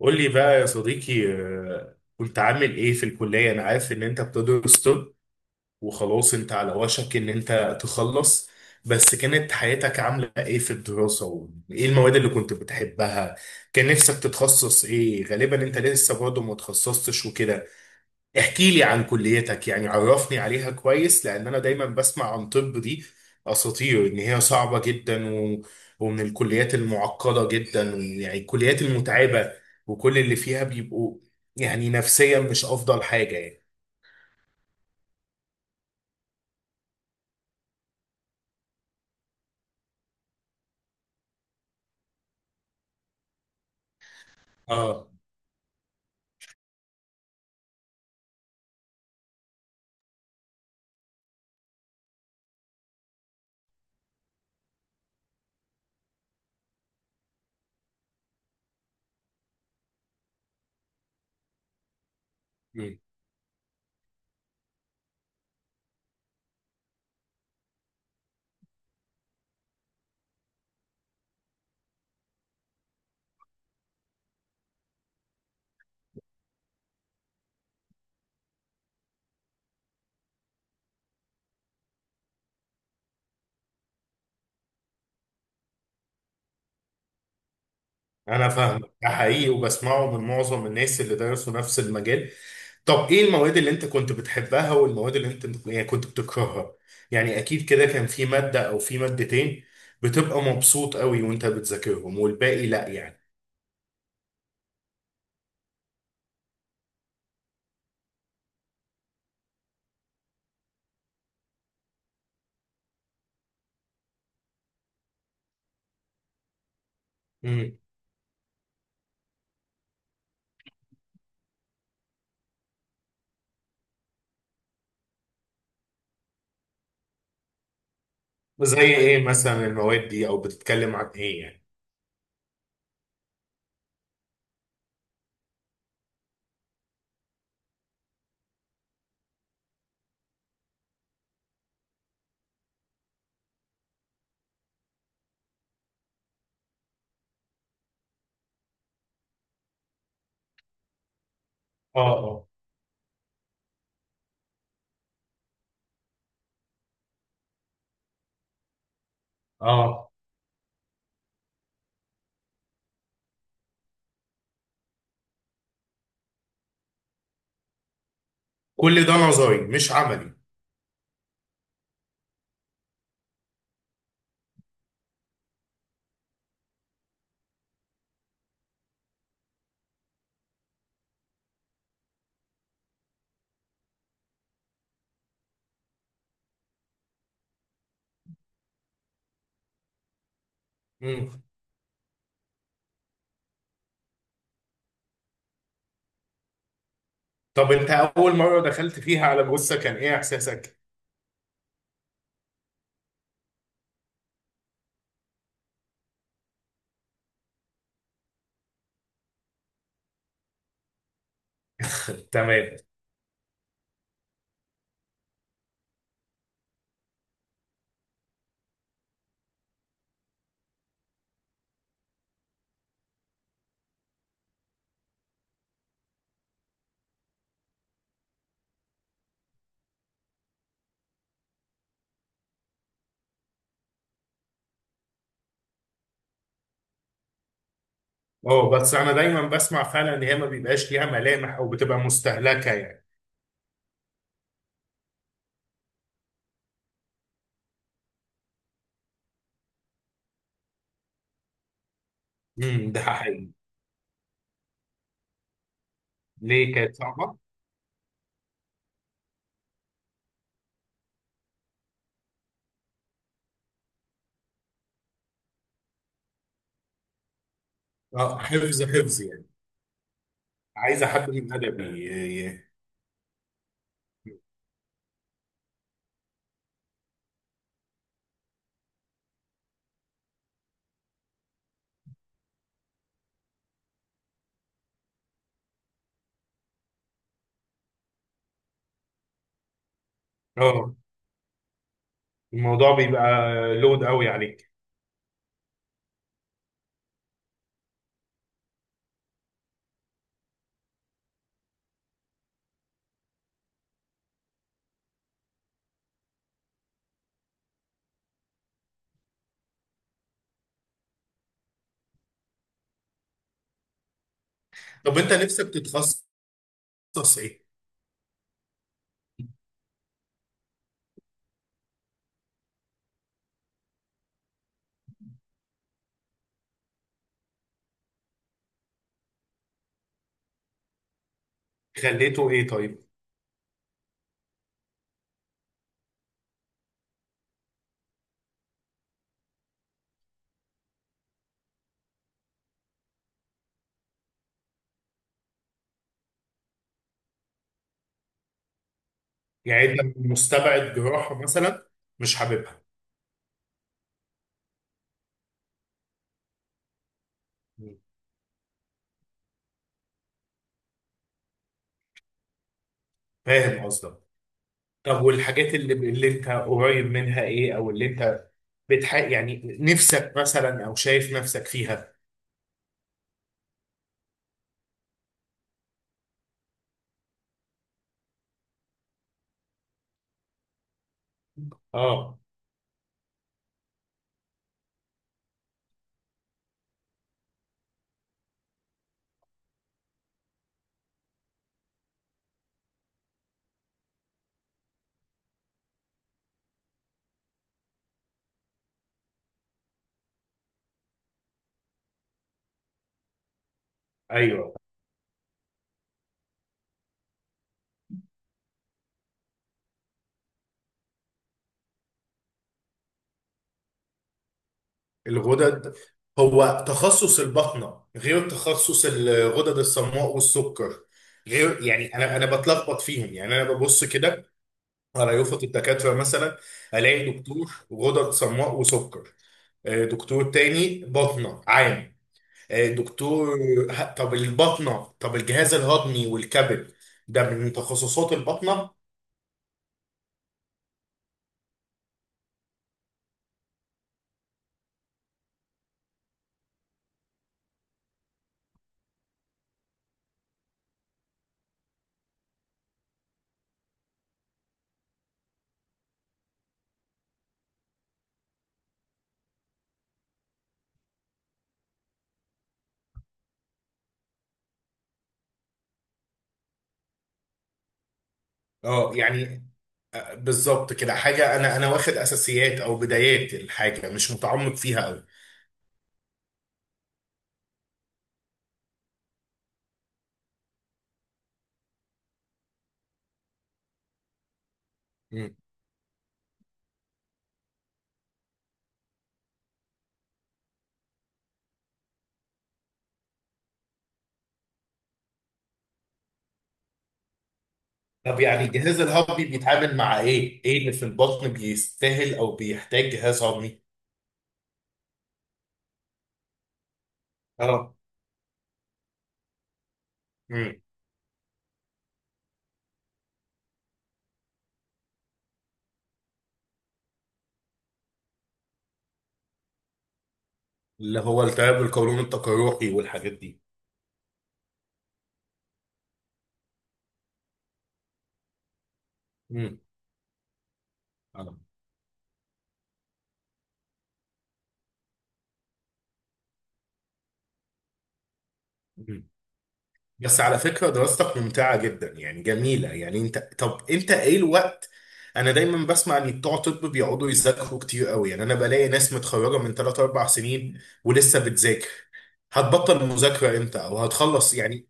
قول لي بقى يا صديقي، كنت عامل ايه في الكلية؟ انا عارف ان انت بتدرس طب وخلاص انت على وشك ان انت تخلص، بس كانت حياتك عاملة ايه في الدراسة؟ وايه المواد اللي كنت بتحبها؟ كان نفسك تتخصص ايه؟ غالبا انت لسه برضه ما تخصصتش وكده. احكي لي عن كليتك، يعني عرفني عليها كويس، لان انا دايما بسمع عن طب دي اساطير ان هي صعبة جدا ومن الكليات المعقدة جدا، يعني الكليات المتعبة، وكل اللي فيها بيبقوا يعني نفسيا مش افضل حاجة يعني. اه. مم. انا فاهم، ده حقيقي، وبسمعه من معظم الناس اللي درسوا نفس المجال. طب ايه المواد اللي انت كنت بتحبها والمواد اللي انت يعني كنت بتكرهها؟ يعني اكيد كده كان في مادة او في مادتين بتبقى مبسوط قوي وانت بتذاكرهم والباقي لا يعني. امم. زي ايه مثلا المواد دي او بتتكلم عن ايه يعني؟ اه، اه، اه. كل ده نظري مش عملي. امم. طب انت اول مرة دخلت فيها على جثة كان ايه احساسك؟ تمام. اه، بس انا دايما بسمع فعلا ان هي ما بيبقاش ليها ملامح او بتبقى مستهلكة يعني. امم، ده حقيقي. ليه كانت صعبة؟ اه، حفظ حفظ يعني. عايزه حد من ادبي اه، الموضوع بيبقى لود قوي عليك. طب انت نفسك تتخصص ايه؟ خليته ايه طيب؟ يعني انت مستبعد جراحه مثلا؟ مش حاببها؟ مم. فاهم قصدك. طب والحاجات اللي انت قريب منها ايه، او اللي انت يعني نفسك مثلا او شايف نفسك فيها؟ اه، ايوه. الغدد. هو تخصص البطنة غير تخصص الغدد الصماء والسكر؟ غير يعني، انا بتلخبط فيهم، يعني انا ببص كده على يافطة الدكاترة مثلا، الاقي دكتور غدد صماء وسكر، آه، دكتور تاني بطنة عام، دكتور طب البطنة، طب الجهاز الهضمي والكبد، ده من تخصصات البطنة. اه يعني. بالظبط كده، حاجة انا واخد اساسيات او بدايات الحاجة، مش متعمق فيها قوي. طب يعني جهاز الهضمي بيتعامل مع ايه؟ ايه اللي في البطن بيستاهل او بيحتاج جهاز هضمي؟ اه. امم. اللي هو التهاب القولون التقرحي والحاجات دي. امم. اه. امم. بس على فكرة دراستك ممتعة جدا، يعني جميلة، يعني انت طب، انت ايه الوقت؟ انا دايما بسمع ان بتوع طب بيقعدوا يذاكروا كتير قوي، يعني انا بلاقي ناس متخرجة من 3 4 سنين ولسه بتذاكر. هتبطل مذاكرة امتى او هتخلص يعني؟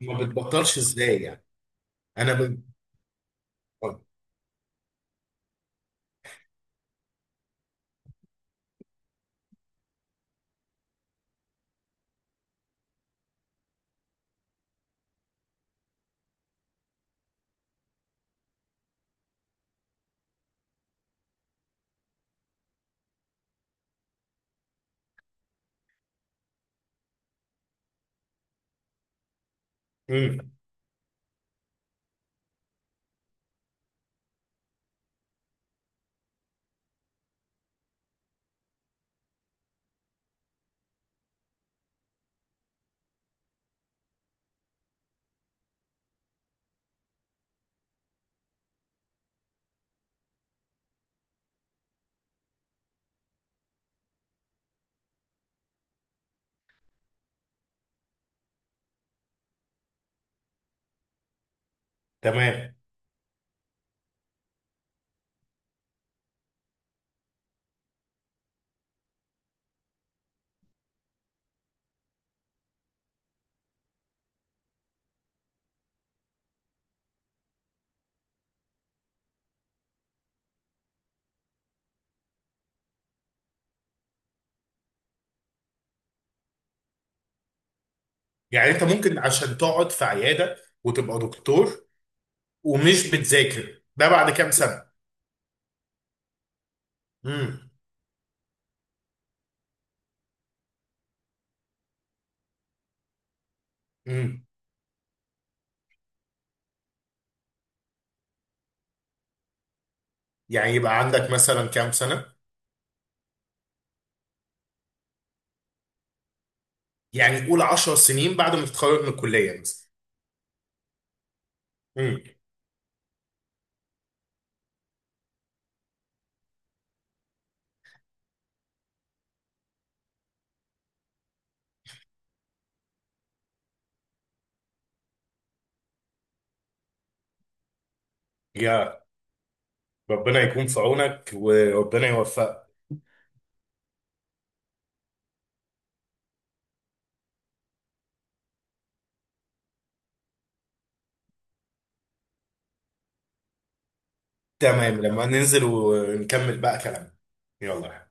ما بتبطلش ازاي يعني؟ انا ب... آه. امم. تمام. يعني انت ممكن عشان تقعد في عياده وتبقى دكتور ومش بتذاكر ده بعد كام سنه؟ امم، امم. يعني يبقى عندك مثلا كام سنه؟ يعني قول 10 سنين بعد ما تتخرج من الكليه مثلا. امم. يا ربنا يكون في عونك وربنا يوفقك. تمام، لما ننزل ونكمل بقى كلامنا. يلا.